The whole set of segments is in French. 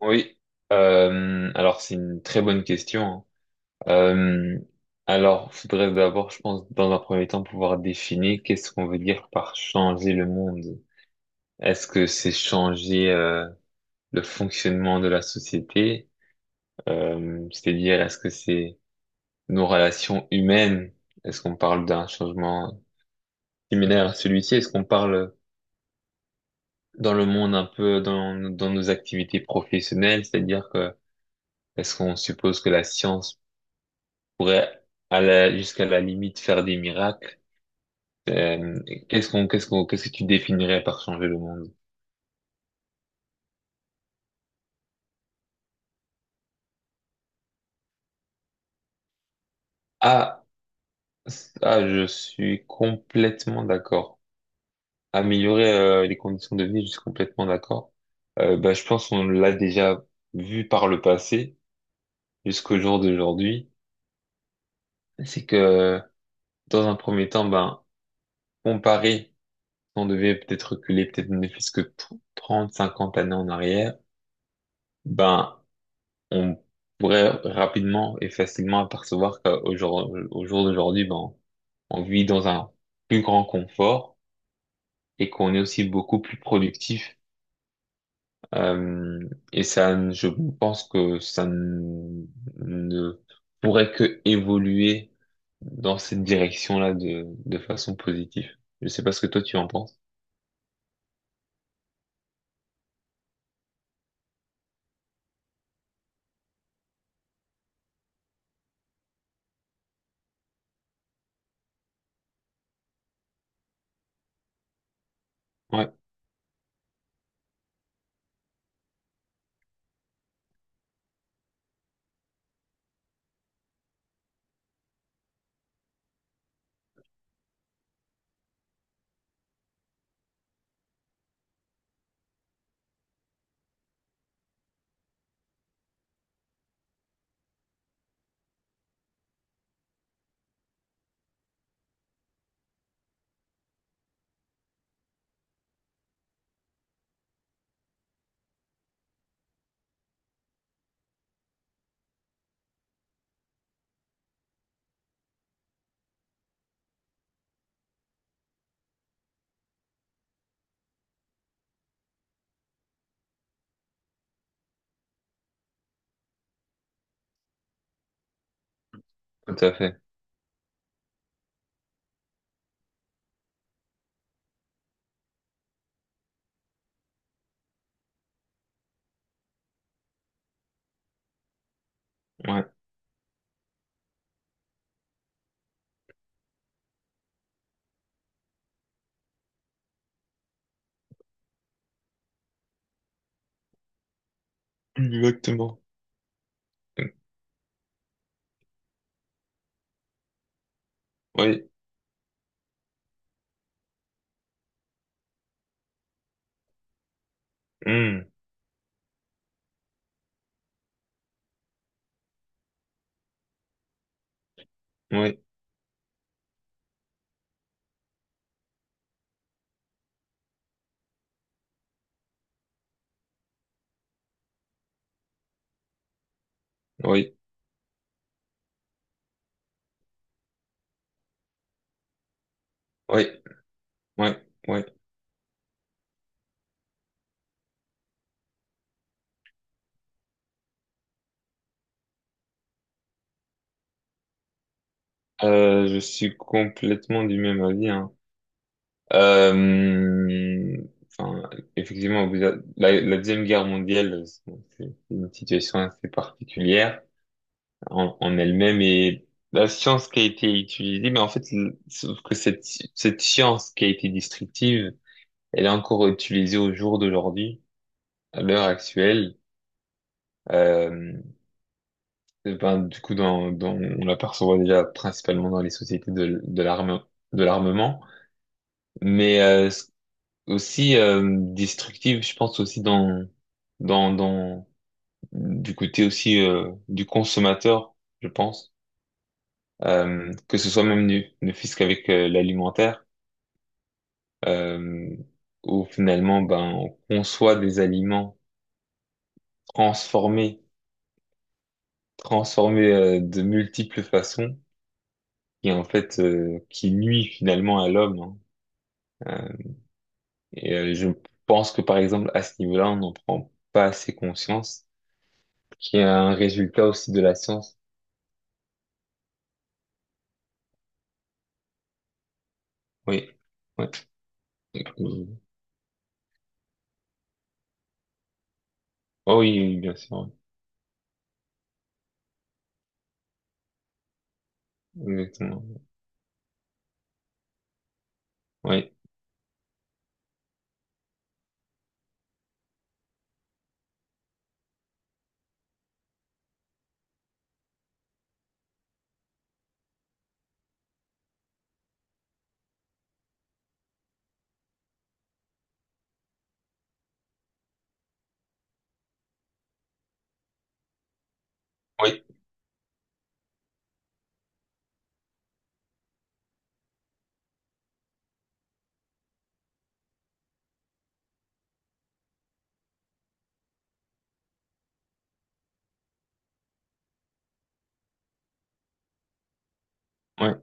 Oui, alors c'est une très bonne question, hein. Euh, alors, faudrait d'abord, je pense, dans un premier temps, pouvoir définir qu'est-ce qu'on veut dire par changer le monde. Est-ce que c'est changer le fonctionnement de la société? C'est-à-dire, est-ce que c'est nos relations humaines? Est-ce qu'on parle d'un changement similaire à celui-ci? Est-ce qu'on parle dans le monde un peu dans nos activités professionnelles? C'est-à-dire que est-ce qu'on suppose que la science pourrait à la, jusqu'à la limite faire des miracles. Euh, qu'est-ce que tu définirais par changer le monde? Ah, ça, je suis complètement d'accord. Améliorer les conditions de vie, je suis complètement d'accord. Bah, je pense qu'on l'a déjà vu par le passé jusqu'au jour d'aujourd'hui. C'est que dans un premier temps, ben, comparé, on devait peut-être reculer peut-être ne plus que 30, 50 années en arrière, ben, on pourrait rapidement et facilement apercevoir qu'au jour, au jour d'aujourd'hui, ben, on vit dans un plus grand confort et qu'on est aussi beaucoup plus productif. Et ça, je pense que ça ne pourrait que évoluer dans cette direction-là de façon positive. Je sais pas ce que toi tu en penses. Ouais, tout à fait. Ouais, exactement. Oui. Hmm. Oui, oui, oui, oui, oui. Je suis complètement du même avis, hein. Euh, enfin, effectivement, la Deuxième Guerre mondiale, c'est une situation assez particulière en, en elle-même, et la science qui a été utilisée, mais en fait, sauf que cette science qui a été destructive, elle est encore utilisée au jour d'aujourd'hui, à l'heure actuelle. Euh, ben, du coup, on l'aperçoit déjà principalement dans les sociétés de de l'armement. Mais aussi destructive, je pense aussi dans du côté aussi du consommateur, je pense. Que ce soit même nu ne fût-ce qu'avec l'alimentaire, euh, où finalement ben on conçoit des aliments transformés, transformés de multiples façons, et en fait qui nuit finalement à l'homme, hein. Euh, je pense que par exemple à ce niveau-là, on n'en prend pas assez conscience, qui est un résultat aussi de la science. Oui. Ouais. Euh, Oh oui, oui, bien sûr. Oui, exactement. Oui. Oui. Ouais.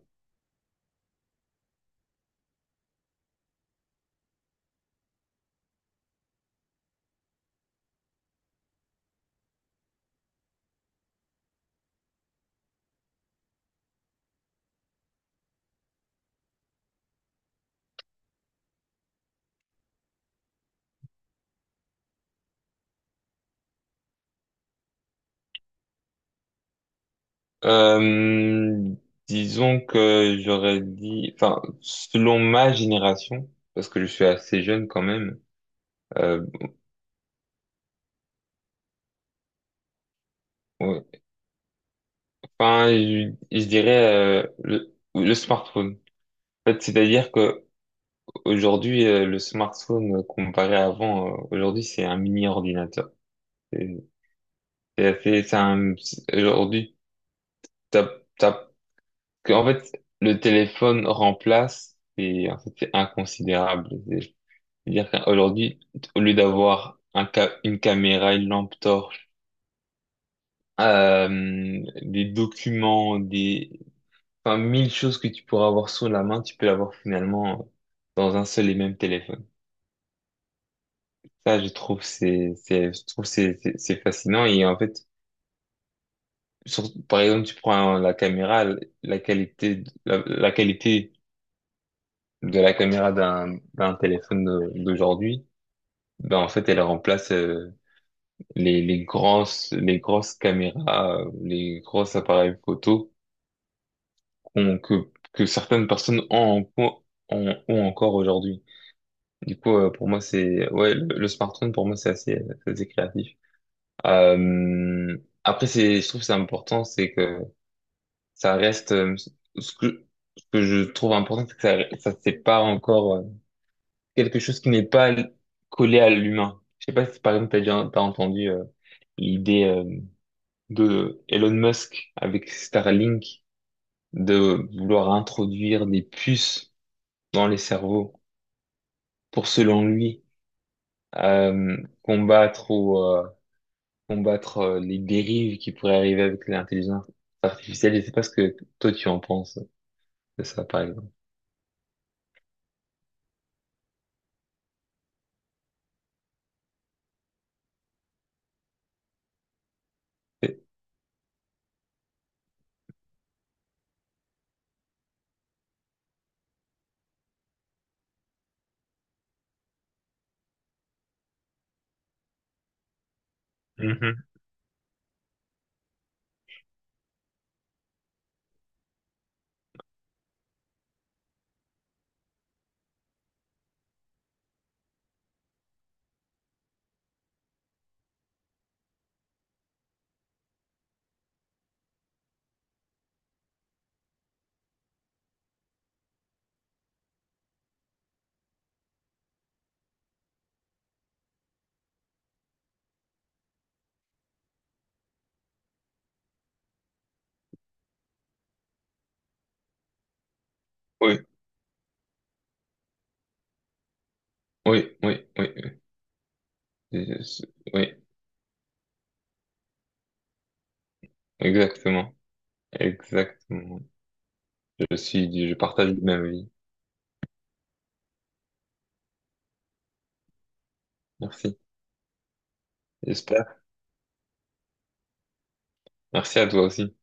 Euh, Disons que j'aurais dit, enfin, selon ma génération, parce que je suis assez jeune quand même, euh, ouais. Enfin, je dirais le smartphone. En fait, c'est-à-dire que aujourd'hui, le smartphone comparé à avant, aujourd'hui, c'est un mini ordinateur. C'est c'est assez, c'est un, c'est- aujourd'hui, t'as, en fait, le téléphone remplace, c'est, en fait, c'est inconsidérable. C'est-à-dire qu'aujourd'hui, au lieu d'avoir une caméra, une lampe torche, des documents, enfin, mille choses que tu pourras avoir sous la main, tu peux l'avoir finalement dans un seul et même téléphone. Ça, je trouve, c'est, je trouve, c'est fascinant. Et en fait, par exemple, tu prends la caméra, la qualité de la caméra d'un téléphone d'aujourd'hui, ben, en fait, elle remplace les grosses caméras, les gros appareils photo que certaines personnes ont, ont encore aujourd'hui. Du coup, pour moi, c'est, ouais, le smartphone, pour moi, c'est assez créatif. Euh, Après, c'est, je trouve que c'est important, c'est que ça reste, ce que, ce que je trouve important, c'est que c'est pas encore quelque chose qui n'est pas collé à l'humain. Je sais pas si, par exemple, t'as entendu, l'idée de Elon Musk avec Starlink de vouloir introduire des puces dans les cerveaux pour, selon lui, euh, combattre ou euh, combattre les dérives qui pourraient arriver avec l'intelligence artificielle. Je sais pas ce que toi tu en penses de ça, par exemple. Et- Mhm. Oui, oui, oui, oui. Je- je- oui, exactement, exactement. Je suis, je partage le même avis. Merci. J'espère. Merci à toi aussi.